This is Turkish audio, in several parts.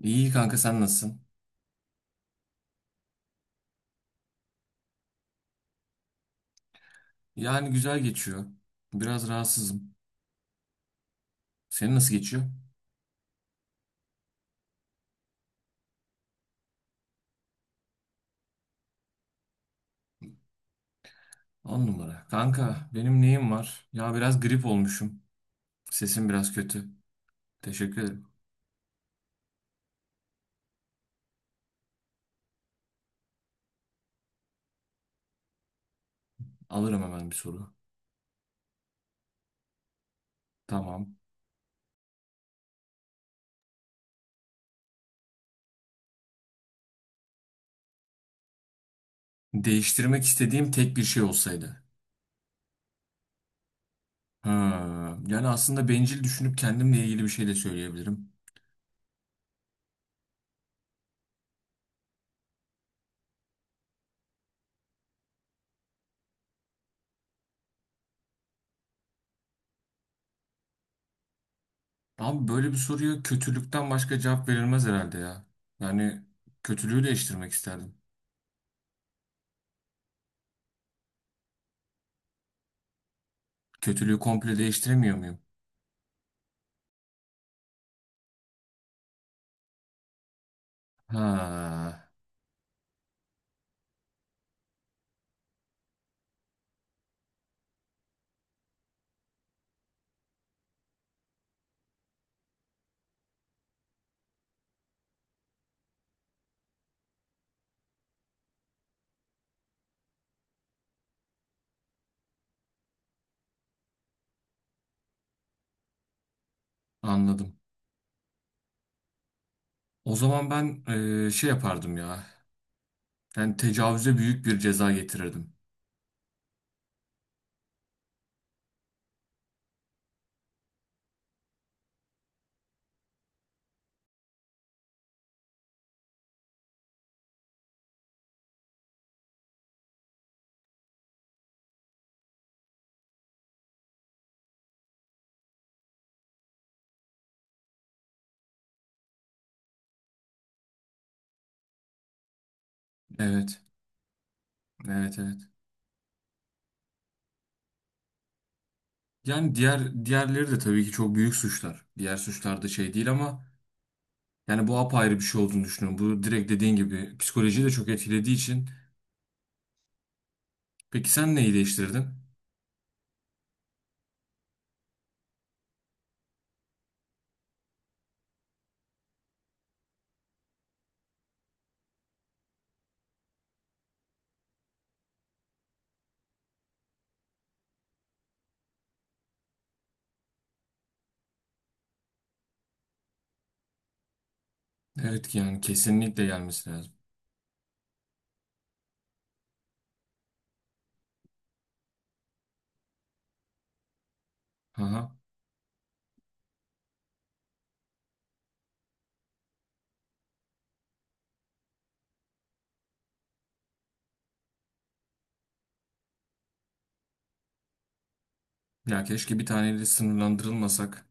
İyi kanka sen nasılsın? Yani güzel geçiyor. Biraz rahatsızım. Senin nasıl geçiyor? On numara. Kanka benim neyim var? Ya biraz grip olmuşum. Sesim biraz kötü. Teşekkür ederim. Alırım hemen bir soru. Tamam. Değiştirmek istediğim tek bir şey olsaydı. Ha, Yani aslında bencil düşünüp kendimle ilgili bir şey de söyleyebilirim. Abi böyle bir soruya kötülükten başka cevap verilmez herhalde ya. Yani kötülüğü değiştirmek isterdim. Kötülüğü komple değiştiremiyor muyum? Ha, Anladım. O zaman ben şey yapardım ya. Yani tecavüze büyük bir ceza getirirdim. Evet. Evet, evet. Yani diğerleri de tabii ki çok büyük suçlar. Diğer suçlar da şey değil ama yani bu apayrı bir şey olduğunu düşünüyorum. Bu direkt dediğin gibi psikolojiyi de çok etkilediği için. Peki sen neyi değiştirdin? Evet ki yani kesinlikle gelmesi lazım. Aha. Ya keşke bir taneyle sınırlandırılmasak.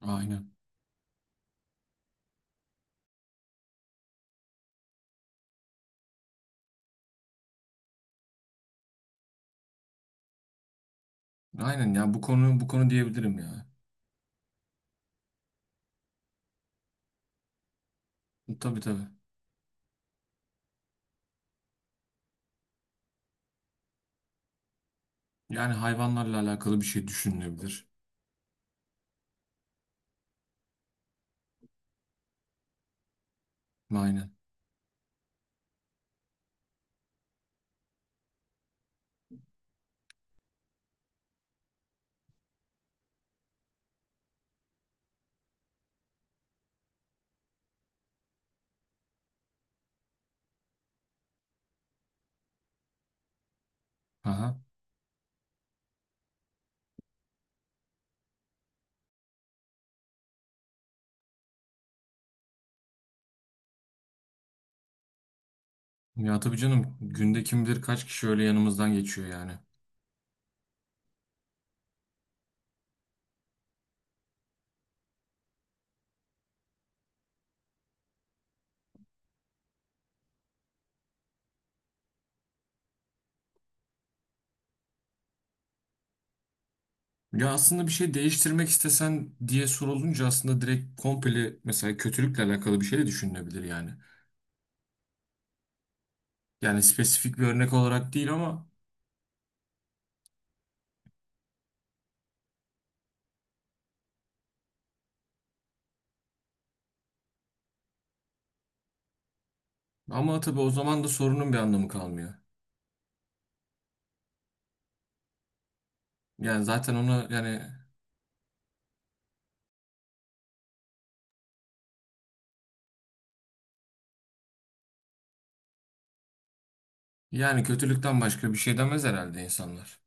Aynen. Aynen ya, bu konu diyebilirim ya. Tabii, tabii. Yani hayvanlarla alakalı bir şey düşünülebilir. Aynen. Aha. Ya tabii canım, günde kim bilir kaç kişi öyle yanımızdan geçiyor yani. Ya aslında bir şey değiştirmek istesen diye sorulunca aslında direkt komple mesela kötülükle alakalı bir şey de düşünülebilir yani. Yani spesifik bir örnek olarak değil ama tabii o zaman da sorunun bir anlamı kalmıyor. Yani zaten ona yani yani kötülükten başka bir şey demez herhalde insanlar.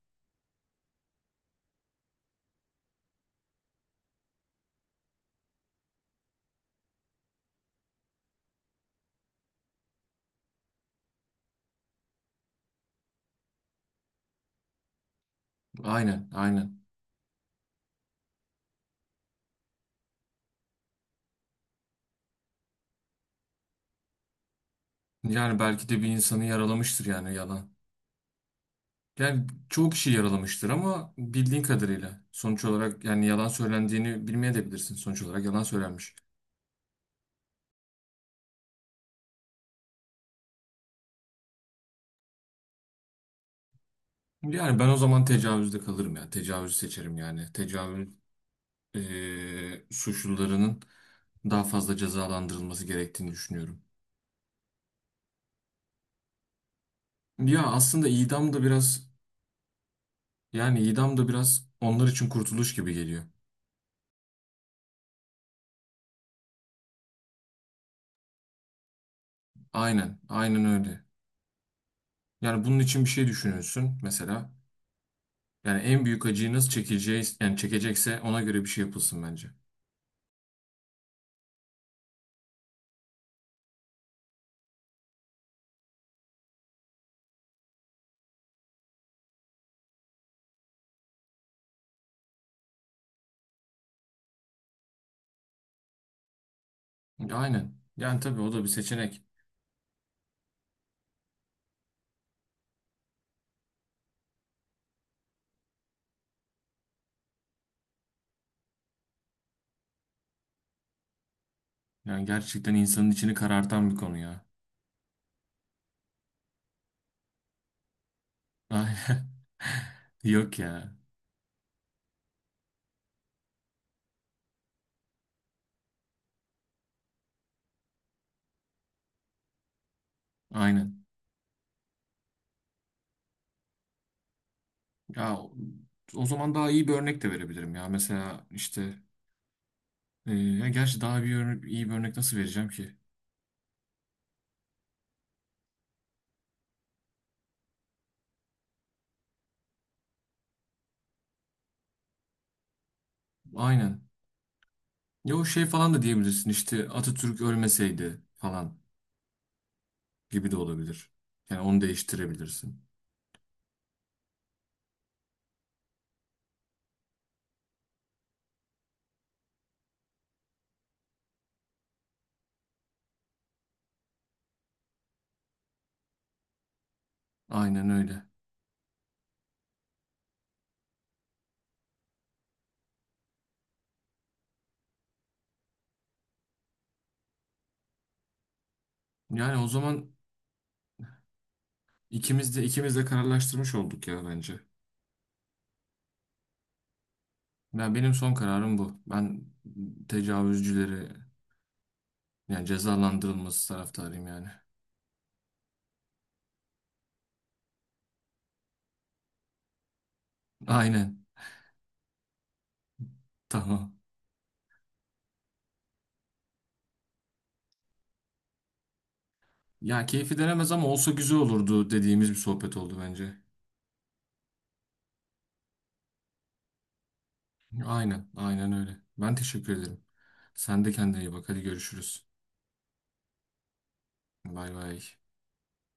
Aynen, aynen. Yani belki de bir insanı yaralamıştır yani yalan. Yani çoğu kişi yaralamıştır ama bildiğin kadarıyla sonuç olarak yani yalan söylendiğini bilmeyebilirsin. Sonuç olarak yalan söylenmiş. Yani ben o zaman tecavüzde kalırım ya. Tecavüzü seçerim yani. Tecavüz suçlularının daha fazla cezalandırılması gerektiğini düşünüyorum. Ya aslında idam da biraz onlar için kurtuluş gibi geliyor. Aynen, aynen öyle. Yani bunun için bir şey düşünülsün mesela. Yani en büyük acıyı nasıl çekeceğiz, yani çekecekse ona göre bir şey yapılsın bence. Aynen. Yani tabii o da bir seçenek. Yani gerçekten insanın içini karartan bir konu ya. Aynen. Yok ya. Aynen. Ya o zaman daha iyi bir örnek de verebilirim ya. Mesela işte ya gerçi iyi bir örnek nasıl vereceğim ki? Aynen. Ya o şey falan da diyebilirsin, işte Atatürk ölmeseydi falan gibi de olabilir. Yani onu değiştirebilirsin. Aynen öyle. Yani o zaman ikimiz de kararlaştırmış olduk ya bence. Ya benim son kararım bu. Ben tecavüzcüleri yani cezalandırılması taraftarıyım yani. Aynen. Tamam. Ya keyfi denemez ama olsa güzel olurdu dediğimiz bir sohbet oldu bence. Aynen. Aynen öyle. Ben teşekkür ederim. Sen de kendine iyi bak. Hadi görüşürüz. Bay bay.